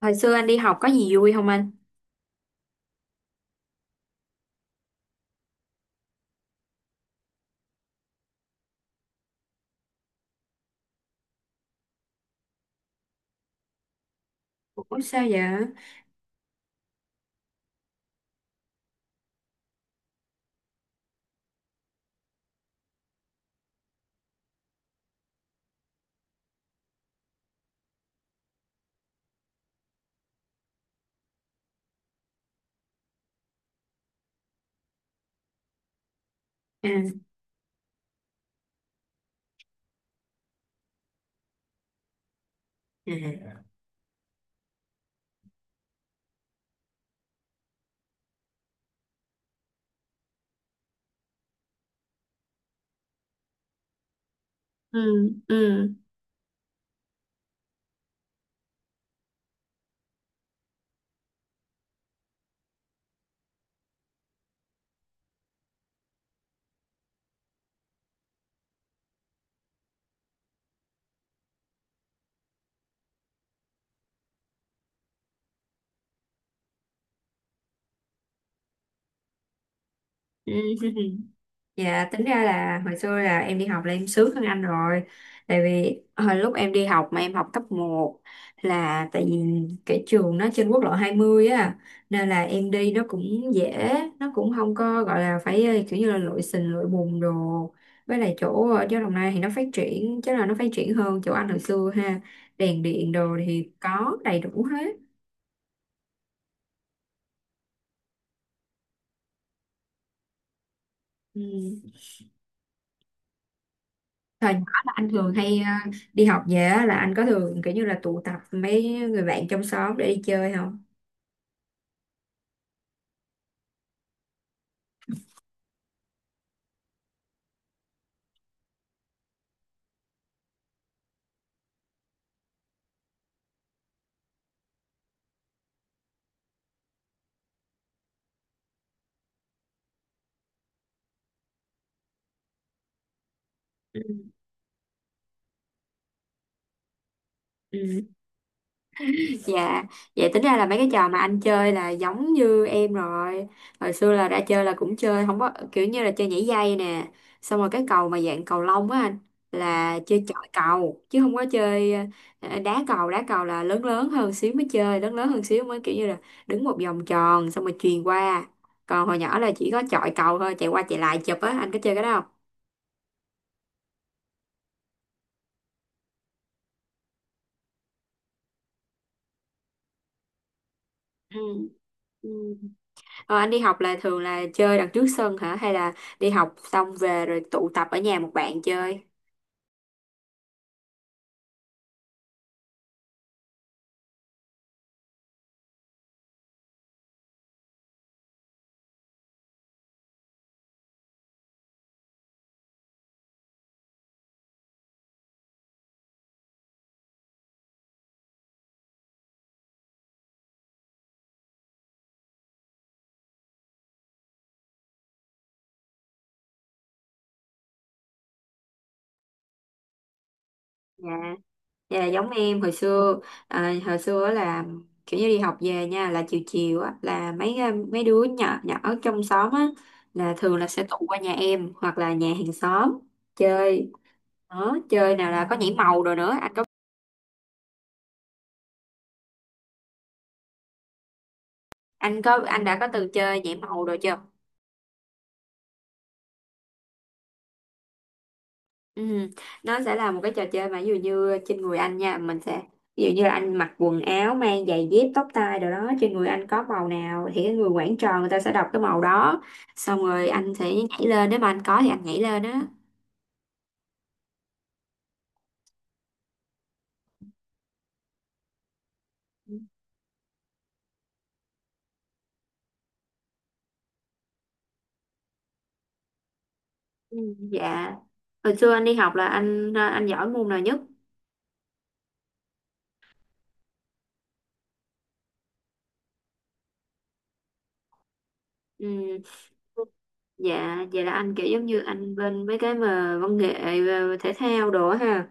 Hồi xưa anh đi học có gì vui không anh? Ủa sao vậy? À, à, ừ, ừ, ừ. Dạ, tính ra là hồi xưa là em đi học là em sướng hơn anh rồi. Tại vì hồi lúc em đi học mà em học cấp một. Là tại vì cái trường nó trên quốc lộ 20 á. Nên là em đi nó cũng dễ. Nó cũng không có gọi là phải kiểu như là lội sình lội bùn đồ. Với lại chỗ ở chỗ Đồng Nai thì nó phát triển chứ là nó phát triển hơn chỗ anh hồi xưa ha. Đèn điện đồ thì có đầy đủ hết. Ừ. Thời nhỏ là anh thường hay đi học về á, là anh có thường kiểu như là tụ tập mấy người bạn trong xóm để đi chơi không? Ừ. Ừ. Dạ, vậy tính ra là mấy cái trò mà anh chơi là giống như em rồi. Hồi xưa là đã chơi là cũng chơi, không có kiểu như là chơi nhảy dây nè. Xong rồi cái cầu mà dạng cầu lông á anh là chơi chọi cầu chứ không có chơi đá cầu là lớn lớn hơn xíu mới chơi, lớn lớn hơn xíu mới kiểu như là đứng một vòng tròn xong rồi chuyền qua. Còn hồi nhỏ là chỉ có chọi cầu thôi, chạy qua chạy lại chụp á, anh có chơi cái đó không? Ừ. Ừ. Ờ, anh đi học là thường là chơi đằng trước sân hả? Hay là đi học xong về rồi tụ tập ở nhà một bạn chơi? Dạ, dạ giống em hồi xưa. À, hồi xưa là kiểu như đi học về nha là chiều chiều á là mấy mấy đứa nhỏ nhỏ ở trong xóm á là thường là sẽ tụ qua nhà em hoặc là nhà hàng xóm chơi. Đó chơi nào là có nhảy màu rồi nữa, anh có, anh có, anh đã có từng chơi nhảy màu rồi chưa? Ừ. Nó sẽ là một cái trò chơi mà ví dụ như trên người anh nha mình sẽ, ví dụ như là anh mặc quần áo mang giày dép tóc tai đồ đó trên người anh có màu nào thì cái người quản trò người ta sẽ đọc cái màu đó, xong rồi anh sẽ nhảy lên nếu mà anh có thì anh nhảy lên á. Ừ. Dạ, hồi xưa anh đi học là anh giỏi môn nào nhất? Ừ. Dạ vậy là anh kiểu giống như anh bên mấy cái mà văn nghệ, thể thao đồ á ha.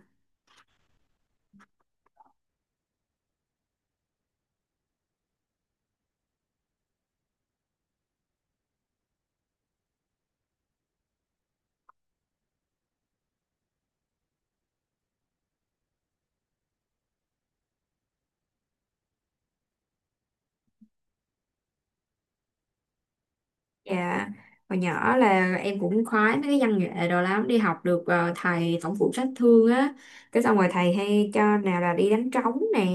Dạ, hồi nhỏ là em cũng khoái mấy cái văn nghệ đồ lắm, đi học được thầy tổng phụ trách thương á, cái xong rồi thầy hay cho nào là đi đánh trống nè,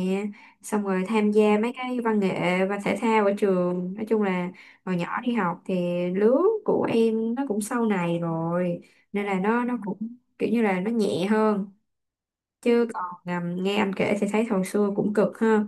xong rồi tham gia mấy cái văn nghệ và thể thao ở trường, nói chung là hồi nhỏ đi học thì lứa của em nó cũng sau này rồi, nên là nó cũng kiểu như là nó nhẹ hơn, chứ còn nghe anh kể thì thấy hồi xưa cũng cực ha.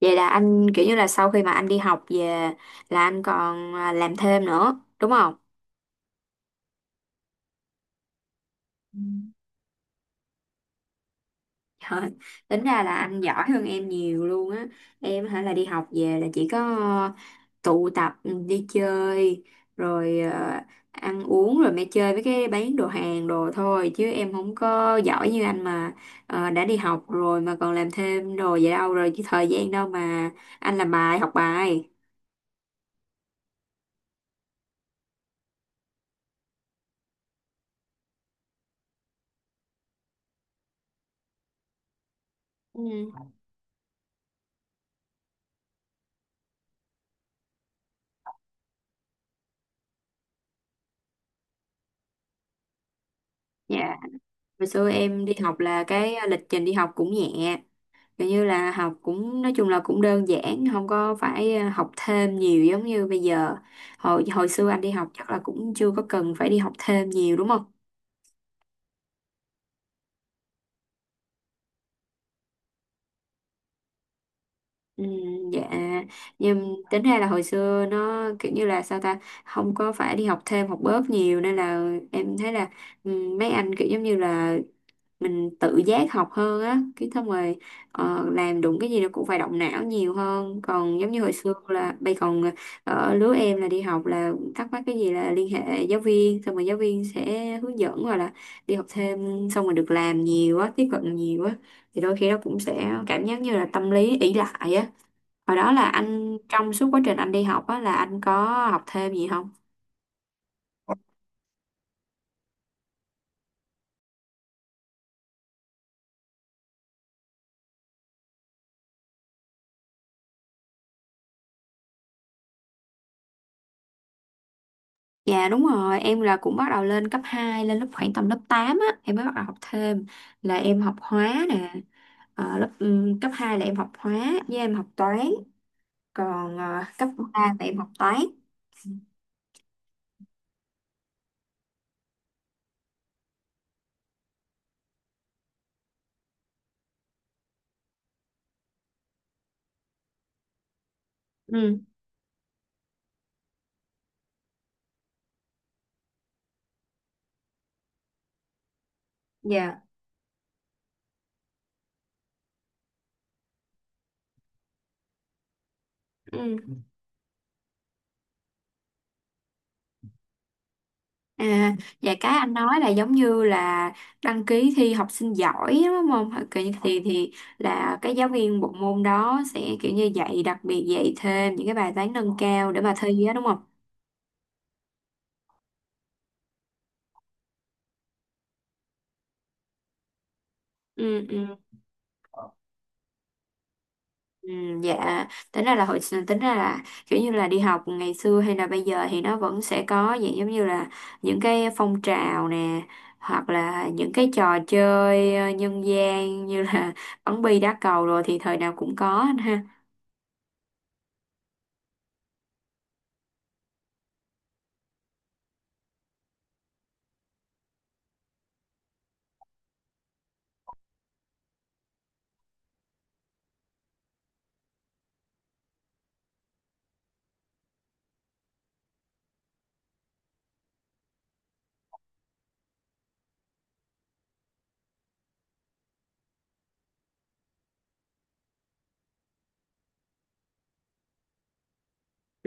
Vậy là anh kiểu như là sau khi mà anh đi học về là anh còn làm thêm nữa, đúng không? Ừ. Trời, tính ra là anh giỏi hơn em nhiều luôn á. Em hả là đi học về là chỉ có tụ tập, ừ, đi chơi rồi, ăn uống rồi mẹ chơi với cái bán đồ hàng đồ thôi chứ em không có giỏi như anh mà. Ờ, đã đi học rồi mà còn làm thêm đồ vậy đâu rồi chứ thời gian đâu mà anh làm bài học bài. Ừ. Dạ, hồi xưa em đi học là cái lịch trình đi học cũng nhẹ. Kiểu như là học cũng nói chung là cũng đơn giản không có phải học thêm nhiều giống như bây giờ. Hồi hồi xưa anh đi học chắc là cũng chưa có cần phải đi học thêm nhiều đúng không? Ừ, dạ. Nhưng tính ra là hồi xưa nó kiểu như là sao ta, không có phải đi học thêm học bớt nhiều nên là em thấy là, ừ, mấy anh kiểu giống như là mình tự giác học hơn á, cái xong rồi làm đúng cái gì nó cũng phải động não nhiều hơn còn giống như hồi xưa là bây còn ở lứa em là đi học là thắc mắc cái gì là liên hệ giáo viên xong rồi giáo viên sẽ hướng dẫn hoặc là đi học thêm xong rồi được làm nhiều á tiếp cận nhiều á thì đôi khi nó cũng sẽ cảm giác như là tâm lý ỷ lại á. Hồi đó là anh trong suốt quá trình anh đi học á là anh có học thêm gì không? Dạ đúng rồi, em là cũng bắt đầu lên cấp 2 lên lớp khoảng tầm lớp 8 á, em mới bắt đầu học thêm là em học hóa nè. Ờ, lớp cấp 2 là em học hóa với em học toán, còn cấp 3 là em học toán. Ừ, dạ. Ừ. À, dạ cái anh nói là giống như là đăng ký thi học sinh giỏi đúng không? Kiểu như thì là cái giáo viên bộ môn đó sẽ kiểu như dạy đặc biệt dạy thêm những cái bài toán nâng cao để mà thi á đúng không? Ừ, ừ. Ừ, dạ tính ra là hồi, tính ra là kiểu như là đi học ngày xưa hay là bây giờ thì nó vẫn sẽ có dạng giống như là những cái phong trào nè hoặc là những cái trò chơi nhân gian như là bắn bi đá cầu rồi thì thời nào cũng có anh ha.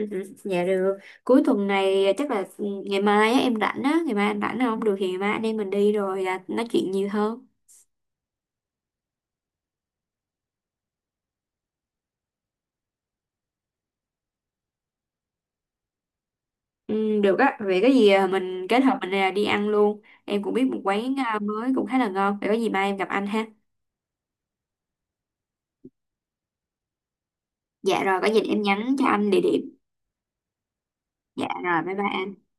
Ừ, ừ, dạ được. Cuối tuần này chắc là, ừ, ngày mai á, em rảnh á, ngày mai anh rảnh không, được thì ngày mai anh em mình đi rồi nói chuyện nhiều hơn. Ừ, được á, vậy có gì mình kết hợp mình đi ăn luôn, em cũng biết một quán mới cũng khá là ngon, vậy có gì mai em gặp anh ha. Dạ rồi, có gì em nhắn cho anh địa điểm. Dạ rồi, bye bye anh.